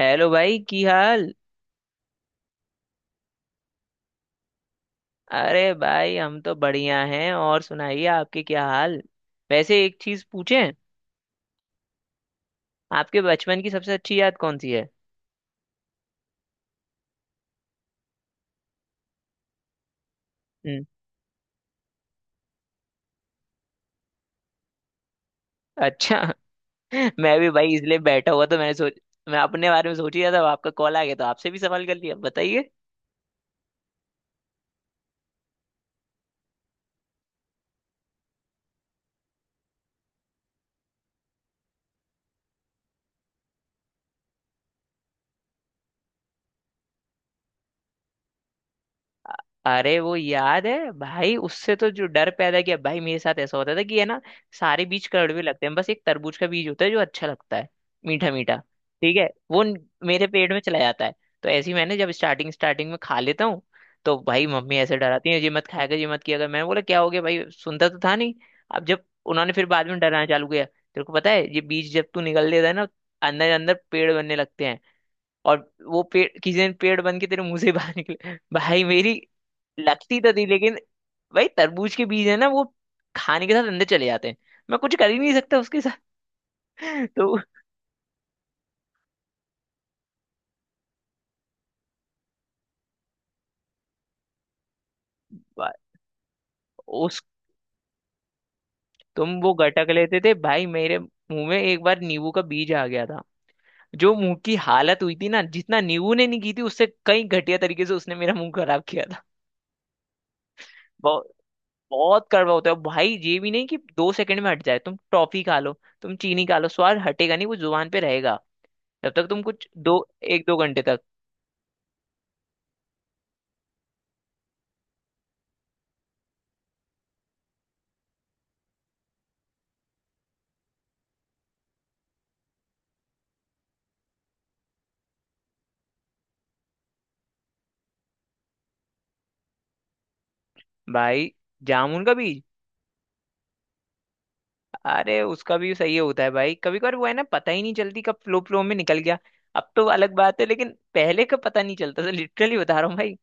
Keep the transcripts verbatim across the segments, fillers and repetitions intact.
Hello भाई, की हाल। अरे भाई, हम तो बढ़िया हैं। और सुनाइए आपके क्या हाल। वैसे एक चीज पूछें? आपके बचपन की सबसे अच्छी याद कौन सी है? हम्म। अच्छा। मैं भी भाई, इसलिए बैठा हुआ तो मैंने सोच। मैं अपने बारे में सोच ही रहा था, अब आपका कॉल आ गया तो आपसे भी सवाल कर लिया। बताइए। अरे वो याद है भाई, उससे तो जो डर पैदा किया भाई, मेरे साथ ऐसा होता था कि, है ना। सारे बीज कड़वे लगते हैं, बस एक तरबूज का बीज होता है जो अच्छा लगता है। मीठा मीठा। ठीक है, वो न- मेरे पेट में चला जाता है। तो ऐसे ही मैंने जब स्टार्टिंग स्टार्टिंग में खा लेता हूँ, तो भाई मम्मी ऐसे डराती है, ये मत खाया कर, ये मत किया कर। मैंने बोला क्या हो गया भाई, सुनता तो था नहीं। अब जब उन्होंने फिर बाद में डराना चालू किया, तेरे को पता है ये बीज जब तू निगल लेता है ना, अंदर अंदर पेड़ बनने लगते हैं। और वो पेड़ किसी दिन पेड़ बन के तेरे मुंह से बाहर निकले। भाई, मेरी लगती तो थी, लेकिन भाई, तरबूज के बीज है ना वो, खाने के साथ अंदर चले जाते हैं। मैं कुछ कर ही नहीं सकता उसके साथ। तो बा- उस तुम वो गटक लेते थे भाई, मेरे मुंह में एक बार नींबू का बीज आ गया था। जो मुंह की हालत हुई थी ना, जितना नींबू ने नहीं की थी उससे कई घटिया तरीके से उसने मेरा मुंह खराब किया था। बहुत। बहुत कड़वा होता है भाई, ये भी नहीं कि दो सेकंड में हट जाए। तुम टॉफी खा लो, तुम चीनी खा लो, स्वाद हटेगा नहीं, वो जुबान पे रहेगा। जब तक तुम कुछ दो, एक दो घंटे तक। भाई, जामुन का बीज। अरे उसका भी सही होता है भाई, कभी कभार वो है ना, पता ही नहीं चलती कब फ्लो फ्लो में निकल गया। अब तो अलग बात है, लेकिन पहले का पता नहीं चलता था, लिटरली बता रहा हूँ भाई।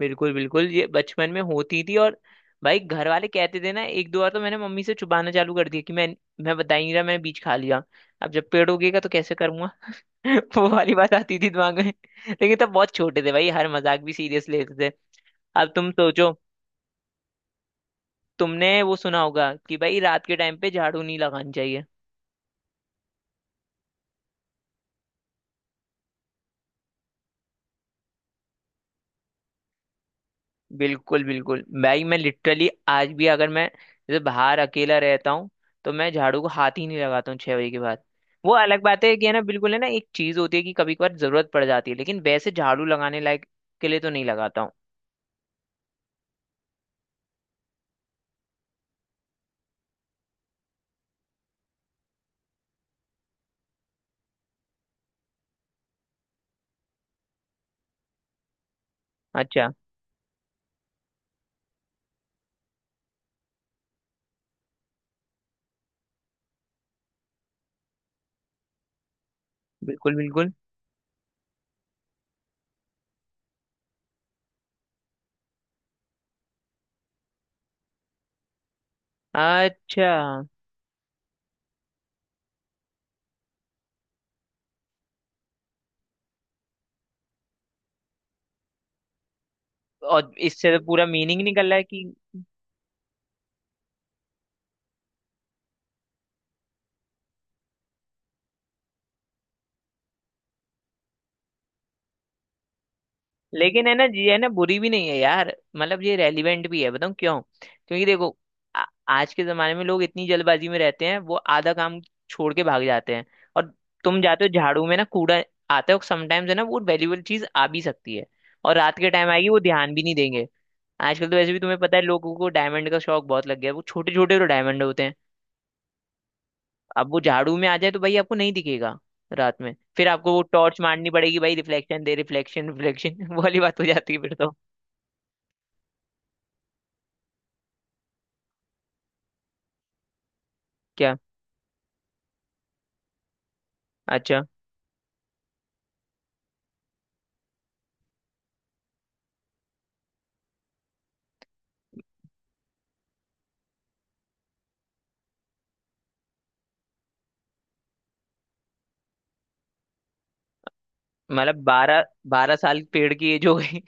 बिल्कुल बिल्कुल, ये बचपन में होती थी। और भाई, घर वाले कहते थे ना, एक दो बार तो मैंने मम्मी से छुपाना चालू कर दिया कि मैं मैं बता ही नहीं रहा, मैंने बीज खा लिया। अब जब पेड़ उगेगा तो कैसे करूंगा? वो वाली बात आती थी दिमाग में। लेकिन तब बहुत छोटे थे भाई, हर मजाक भी सीरियस लेते थे। अब तुम सोचो। तुमने वो सुना होगा कि भाई रात के टाइम पे झाड़ू नहीं लगानी चाहिए। बिल्कुल बिल्कुल भाई, मैं लिटरली आज भी, अगर मैं जैसे बाहर अकेला रहता हूँ, तो मैं झाड़ू को हाथ ही नहीं लगाता हूँ छह बजे के बाद। वो अलग बात है कि, है ना, बिल्कुल है ना, एक चीज होती है कि कभी कभार जरूरत पड़ जाती है, लेकिन वैसे झाड़ू लगाने लायक के लिए तो नहीं लगाता हूँ। अच्छा। बिल्कुल बिल्कुल। अच्छा। और इससे तो पूरा मीनिंग निकल रहा है कि, लेकिन है ना, ये है ना, बुरी भी नहीं है यार, मतलब ये रेलिवेंट भी है, बताऊँ क्यों, क्योंकि देखो, आ, आज के जमाने में लोग इतनी जल्दबाजी में रहते हैं, वो आधा काम छोड़ के भाग जाते हैं। और तुम जाते हो झाड़ू में ना, कूड़ा आता है समटाइम्स, है ना, वो वैल्यूबल चीज आ भी सकती है। और रात के टाइम आएगी, वो ध्यान भी नहीं देंगे। आजकल तो वैसे भी तुम्हें पता है, लोगों को डायमंड का शौक बहुत लग गया है, वो छोटे छोटे तो डायमंड होते हैं। अब वो झाड़ू में आ जाए तो भाई आपको नहीं दिखेगा। रात में फिर आपको वो टॉर्च मारनी पड़ेगी भाई, रिफ्लेक्शन दे रिफ्लेक्शन रिफ्लेक्शन वाली बात हो जाती है फिर तो। अच्छा, मतलब बारह, बारह साल पेड़ की एज हो गई।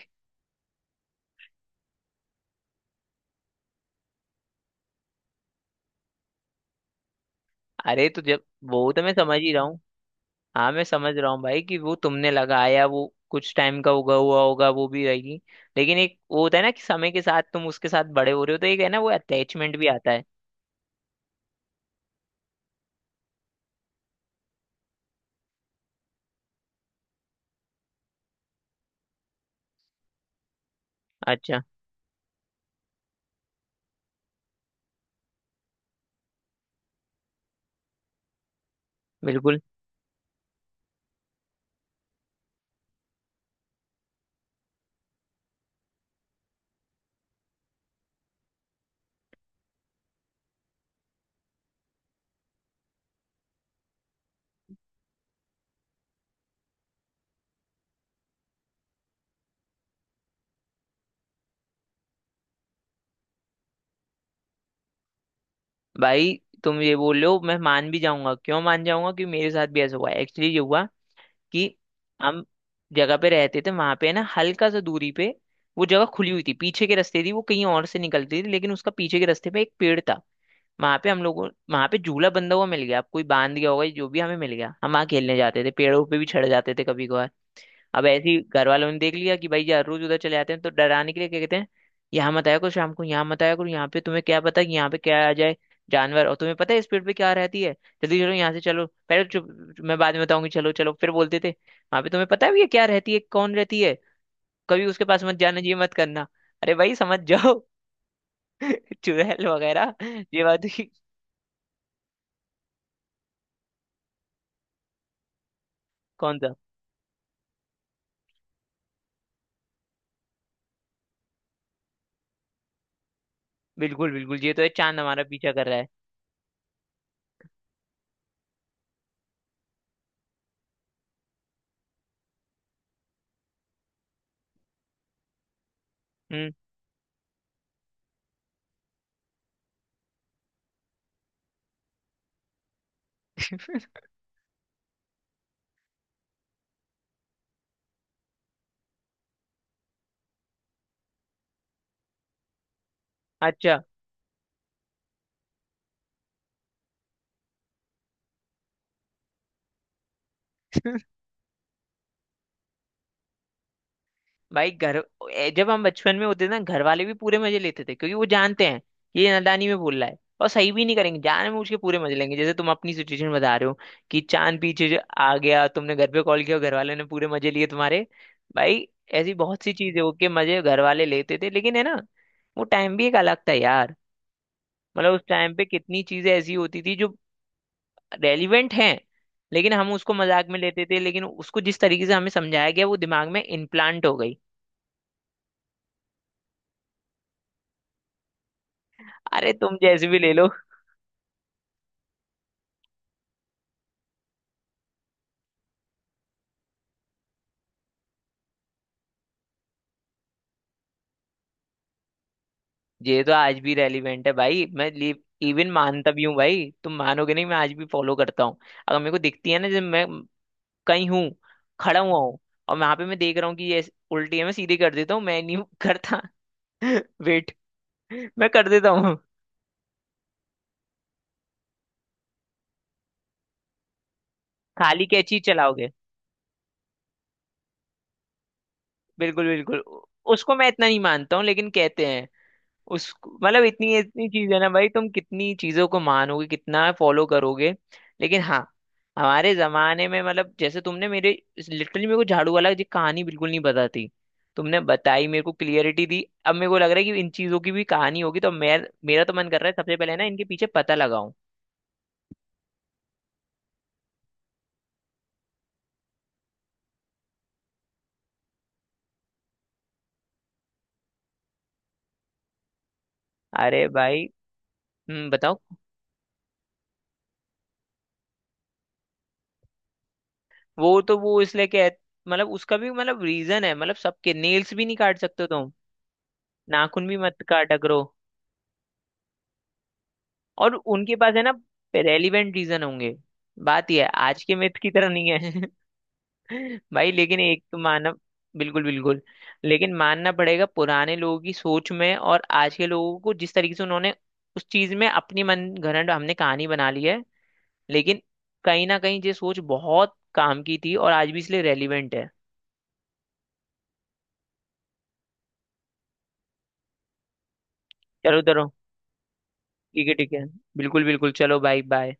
अरे, तो जब वो तो मैं समझ ही रहा हूँ। हाँ, मैं समझ रहा हूँ भाई कि वो तुमने लगाया, वो कुछ टाइम का उगा हुआ होगा, वो भी रहेगी। लेकिन एक वो होता है ना कि समय के साथ तुम उसके साथ बड़े हो रहे हो, तो एक है ना, वो अटैचमेंट भी आता है। अच्छा। बिल्कुल। भाई, तुम ये बोल रहे हो मैं मान भी जाऊंगा, क्यों मान जाऊंगा, कि मेरे साथ भी ऐसा हुआ है। एक्चुअली ये हुआ कि हम जगह पे रहते थे, वहां पे ना हल्का सा दूरी पे वो जगह खुली हुई थी, पीछे के रास्ते थी, वो कहीं और से निकलती थी, लेकिन उसका पीछे के रास्ते पे एक पेड़ था। वहां पे हम लोगों वहां पे झूला बंधा हुआ मिल गया, अब कोई बांध गया होगा, जो भी हमें मिल गया, हम वहां खेलने जाते थे, पेड़ों पे भी चढ़ जाते थे कभी कभार। अब ऐसे ही घर वालों ने देख लिया कि भाई यार रोज उधर चले जाते हैं, तो डराने के लिए क्या कहते हैं, यहाँ मत आया करो शाम को, यहाँ मत आया करो, यहाँ पे तुम्हें क्या पता कि यहाँ पे क्या आ जाए, जानवर, और तुम्हें पता है स्पीड पे क्या रहती है। जल्दी चलो, यहाँ से चलो पहले, चुप। मैं बाद में बताऊंगी, चलो चलो। फिर बोलते थे वहां पे तुम्हें पता है ये क्या रहती है, कौन रहती है। कभी उसके पास मत जाना, ये मत करना। अरे भाई समझ जाओ। चुड़ैल वगैरह। ये बात हुई। कौन सा? बिल्कुल बिल्कुल, ये तो है, चांद हमारा पीछा कर रहा है। हम्म। अच्छा। भाई घर। ए, जब हम बचपन में होते थे ना, घर वाले भी पूरे मजे लेते थे, क्योंकि वो जानते हैं कि ये नादानी में बोल रहा है, और सही भी नहीं करेंगे, जानबूझ के पूरे मजे लेंगे, जैसे तुम अपनी सिचुएशन बता रहे हो कि चांद पीछे जो आ गया, तुमने घर पे कॉल किया और घर वाले ने पूरे मजे लिए तुम्हारे। भाई, ऐसी बहुत सी चीजें हो के मजे घर वाले लेते थे, लेकिन है ना, वो टाइम भी एक अलग था यार। मतलब उस टाइम पे कितनी चीजें ऐसी होती थी जो रेलिवेंट हैं, लेकिन हम उसको मजाक में लेते थे, लेकिन उसको जिस तरीके से हमें समझाया गया वो दिमाग में इम्प्लांट हो गई। अरे, तुम जैसे भी ले लो। ये तो आज भी रेलिवेंट है भाई, मैं इवन मानता भी हूँ भाई, तुम मानोगे नहीं, मैं आज भी फॉलो करता हूँ। अगर मेरे को दिखती है ना, जब मैं कहीं हूँ, खड़ा हुआ हूँ, और वहां पे मैं देख रहा हूँ कि ये ऐसे- उल्टी है, मैं सीधी कर देता हूँ। मैं नहीं करता। वेट, मैं कर देता हूँ। खाली कैची चलाओगे? बिल्कुल बिल्कुल। उसको मैं इतना नहीं मानता हूँ, लेकिन कहते हैं। उस मतलब इतनी इतनी चीज है ना भाई, तुम कितनी चीजों को मानोगे, कितना फॉलो करोगे? लेकिन हाँ, हमारे जमाने में, मतलब जैसे तुमने मेरे, लिटरली मेरे को झाड़ू वाला जी कहानी बिल्कुल नहीं पता थी। तुमने बताई, मेरे को क्लियरिटी दी। अब मेरे को लग रहा है कि इन चीजों की भी कहानी होगी, तो मैं, मेरा तो मन कर रहा है सबसे पहले ना इनके पीछे पता लगाऊं। अरे भाई। हम्म, बताओ। वो तो वो इसलिए कह, मतलब उसका भी मतलब रीजन है, मतलब सबके नेल्स भी नहीं काट सकते तुम। नाखून भी मत काटा करो। और उनके पास है ना, रेलिवेंट रीजन होंगे। बात यह है, आज के मिथ की तरह नहीं है। भाई, लेकिन एक तो मानना। बिल्कुल बिल्कुल। लेकिन मानना पड़ेगा पुराने लोगों की सोच में। और आज के लोगों को जिस तरीके से उन्होंने उस चीज में अपनी मन घड़ंट हमने कहानी बना ली है, लेकिन कहीं ना कहीं ये सोच बहुत काम की थी, और आज भी इसलिए रेलिवेंट है। चलो चलो। ठीक है ठीक है। बिल्कुल बिल्कुल, चलो बाय बाय।